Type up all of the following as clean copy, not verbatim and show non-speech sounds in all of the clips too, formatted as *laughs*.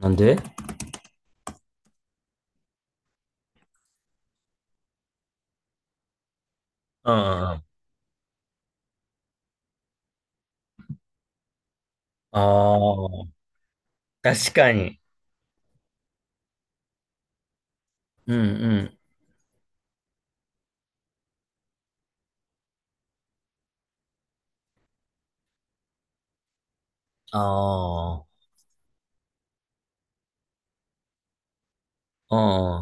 なんで？うんうんうん。ああ、確かに。うんうん。ああ、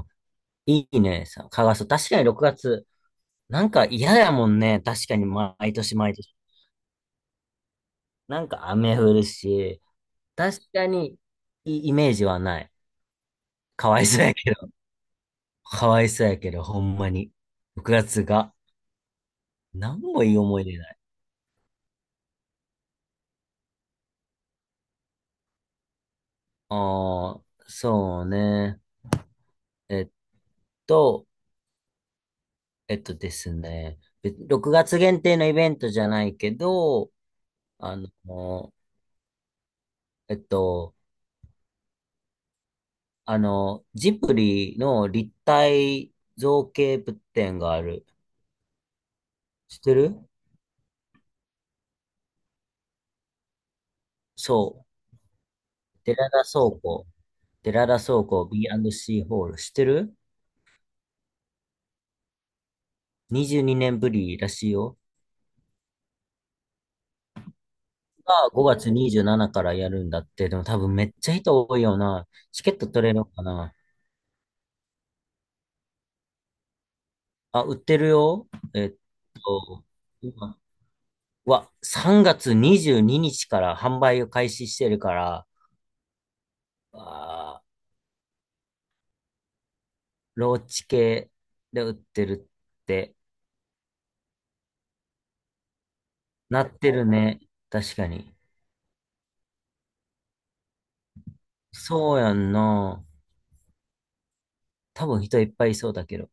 うん。いいね。さ蚊がそう。確かに6月。なんか嫌やもんね。確かに毎年毎年。なんか雨降るし。確かにいいイメージはない。かわいそうやけど。かわいそうやけど、ほんまに。6月がつが。なんもいい思い出ない。ああ、そうね。えっと、えっとですね、6月限定のイベントじゃないけど、あの、えっと、ジブリの立体造形物展がある。知ってる？そう。寺田倉庫。寺田倉庫 B&C ホール。知ってる？ 22 年ぶりらしいよ。が5月27からやるんだって。でも多分めっちゃ人多いよな。チケット取れるのかな？あ、売ってるよ。えっと、今わ、3月22日から販売を開始してるから、あー、ローチ系で売ってるってなってるね。確かに。そうやんな。多分人いっぱいいそうだけど。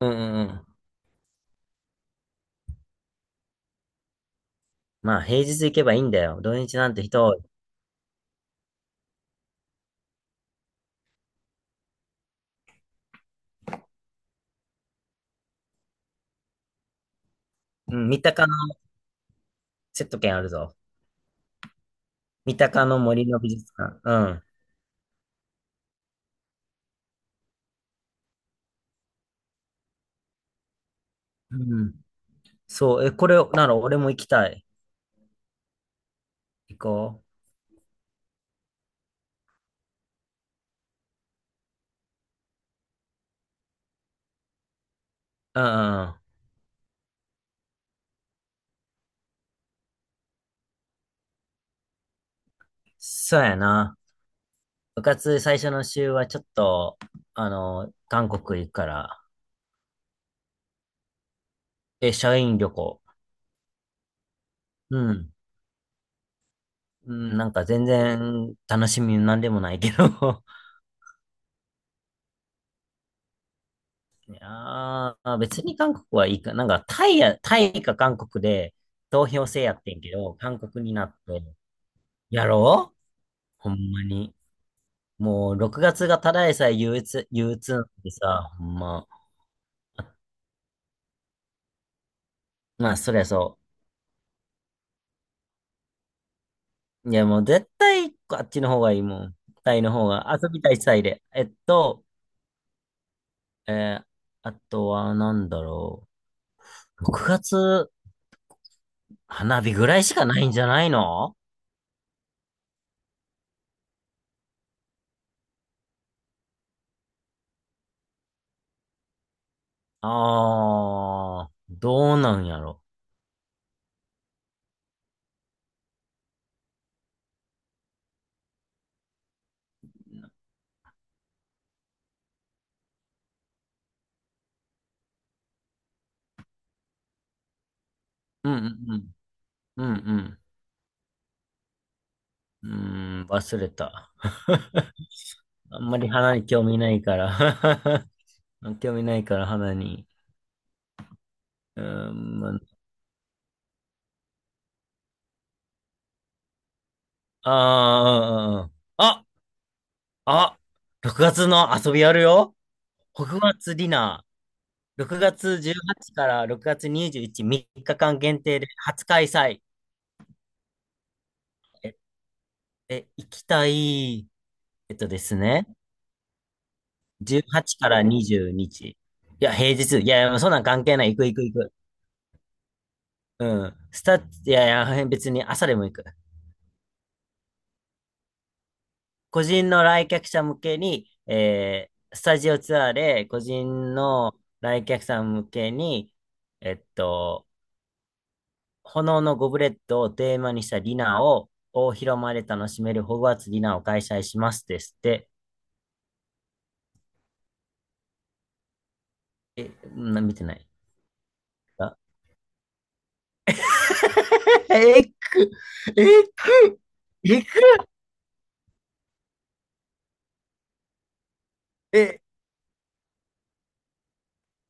うんうんうん。まあ平日行けばいいんだよ。土日なんて人多い。うん。三鷹のセット券あるぞ。三鷹の森の美術館。うん。うん。そう。え、これなら俺も行きたい。行こう。うんうんうん。そうやな。部活最初の週はちょっと、韓国行くから。社員旅行。うん。うん、なんか全然楽しみなんでもないけど。*laughs* いやーまあ別に韓国はいいか。なんかタイか韓国で投票制やってんけど、韓国になって、やろう、ほんまに。もう6月がつがただでさえ憂鬱、憂鬱なんでさ、ほんま。まあそりゃそう。いやもう絶対あっちの方がいいもん。タイの方が遊びたいタイで。えーあとはなんだろう？6月、花火ぐらいしかないんじゃないの？ああー、どうなんやろ。うんうんうん。うんうん。うーん、忘れた。*laughs* あんまり花に興味ないから *laughs* 興味ないから花に。うーん、まあ、あーあ、あ、6月の遊びやるよ。北月ディナー。6月18から6月21、3日間限定で初開催。え、行きたい、えっとですね、18から20日。いや、平日。いや、いやそんなん関係ない。行く行く行く。うん。いやいや、別に朝でも行く。個人の来客者向けに、スタジオツアーで、個人の来客さん向けに、えっと、炎のゴブレットをテーマにしたディナーを大広間で楽しめるホグワーツディナーを開催しますですって。え、見てない。あえっく、えっく、えっく、え、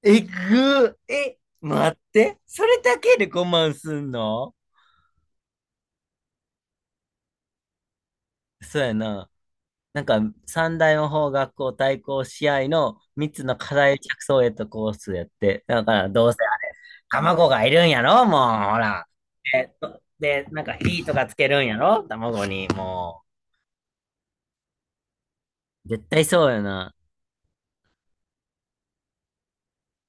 えぐ、え、待って、それだけでごまんすんの？そうやな。なんか、三大魔法学校対抗試合の三つの課題着想へとコースやって、だからどうせあれ、卵がいるんやろ、もう、ほら。で、なんか火とかつけるんやろ、卵に、もう。絶対そうやな。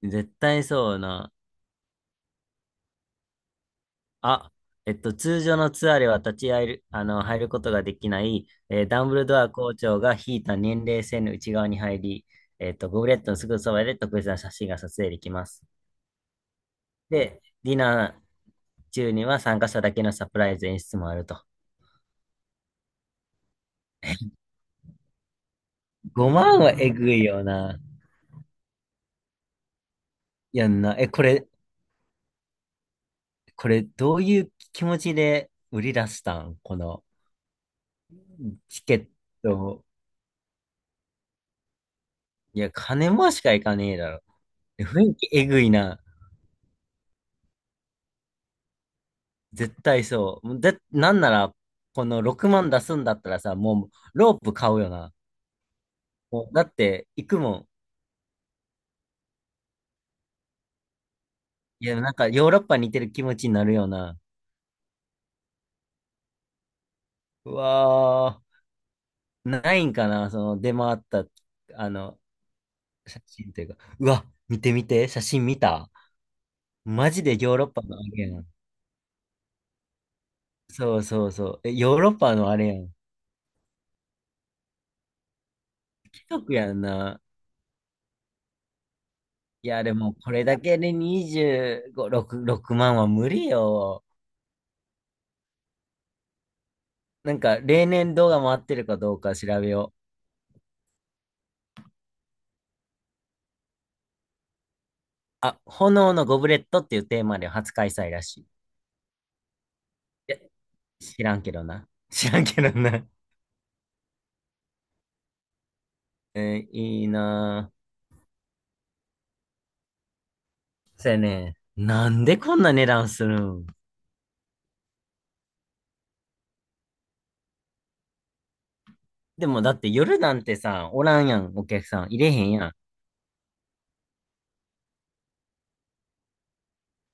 絶対そうやな。あ、通常のツアーでは立ち会える、入ることができない、ダンブルドア校長が引いた年齢線の内側に入り、ゴブレットのすぐそばで特別な写真が撮影できます。で、ディナー中には参加者だけのサプライズ演出もあると。5万はえぐいよな。やんな。え、これ、どういう気持ちで売り出したんこのチケットを？いや、金もしかいかねえだろ。雰囲気えぐいな。絶対そう。もうぜ、なんなら、この6万出すんだったらさ、もうロープ買うよな。もうだって、行くもん。いや、なんかヨーロッパに似てる気持ちになるよな。うわー、ないんかな、その出回った、あの、写真というか。うわ、見て見て、写真見た。マジでヨーロッパのあれやん。そうそうそう。え、ヨーロッパのあれやん。貴族やんな。いや、でもこれだけで25、6、6万は無理よ。なんか、例年動画回ってるかどうか調べよう。あ、炎のゴブレットっていうテーマで初開催らしい。いや、知らんけどな。*laughs* 知らんけどな。いいなぁ。そやね、なんでこんな値段するん？でもだって夜なんてさ、おらんやん、お客さん。入れへんやん。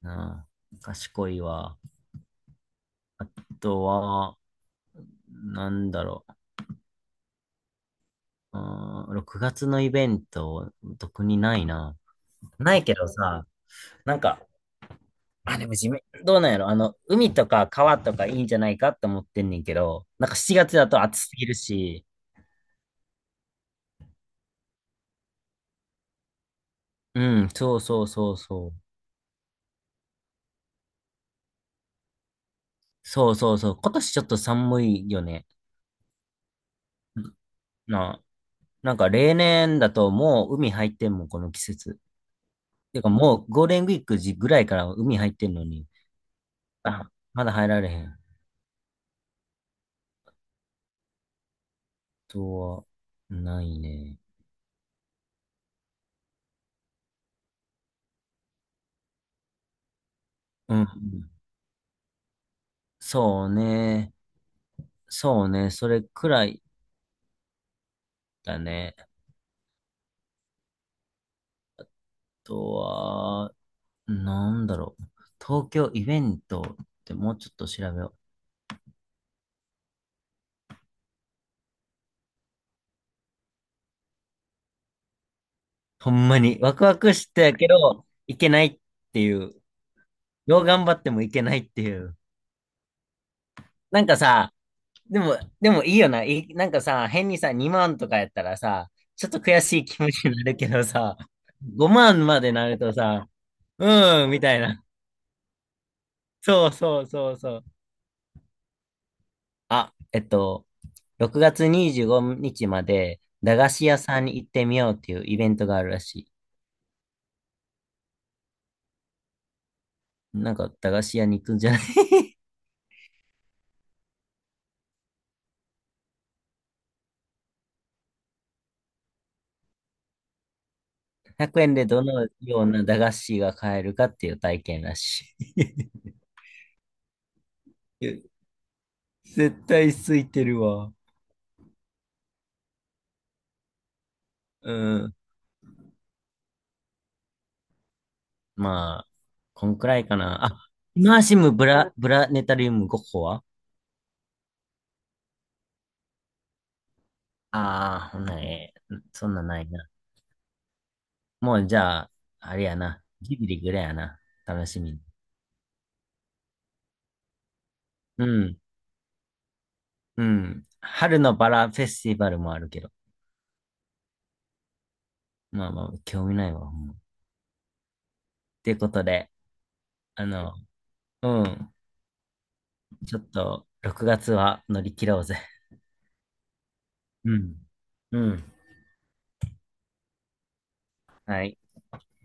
なあ、賢いわ。あとは、なんだろう？うーん、6月のイベント、特にないな。ないけどさ、なんか、あ、でも地面どうなんやろ、海とか川とかいいんじゃないかって思ってんねんけど、なんか7月だと暑すぎるし、うん、そうそうそうそう。そうそうそう。今年ちょっと寒いよね。な、なんか例年だともう海入ってんもん、この季節。てかもうゴールデンウィーク時ぐらいから海入ってんのに、あ、まだ入られへん。とは、ないね。うん。そうね。そうね。それくらいだね。あとは、なんだろう？東京イベントってもうちょっと調べよう。ほんまに、ワクワクしてやけど、いけないっていう。どう頑張ってもいけないっていう。なんかさ、でもいいよな。なんかさ、変にさ、2万とかやったらさ、ちょっと悔しい気持ちになるけどさ、5万までなるとさ、うーん、みたいな。そうそうそうそう。あ、6月25日まで、駄菓子屋さんに行ってみようっていうイベントがあるらしい。なんか駄菓子屋に行くんじゃない？ *laughs* 100 円でどのような駄菓子が買えるかっていう体験らしい。*laughs* 絶対空いてるわ。うん。まあ、こんくらいかな。あ、マーシムブラ、ブラネタリウム5個は、ああー、ほんならええ、そんなんないな。もうじゃあ、あれやな。ジブリぐらいやな。楽しみ。うん。うん。春のバラフェスティバルもあるけど。まあまあ、興味ないわ。ほんまってことで、あの、うん。ちょっと、6月は乗り切ろうぜ。うん。うん。はい。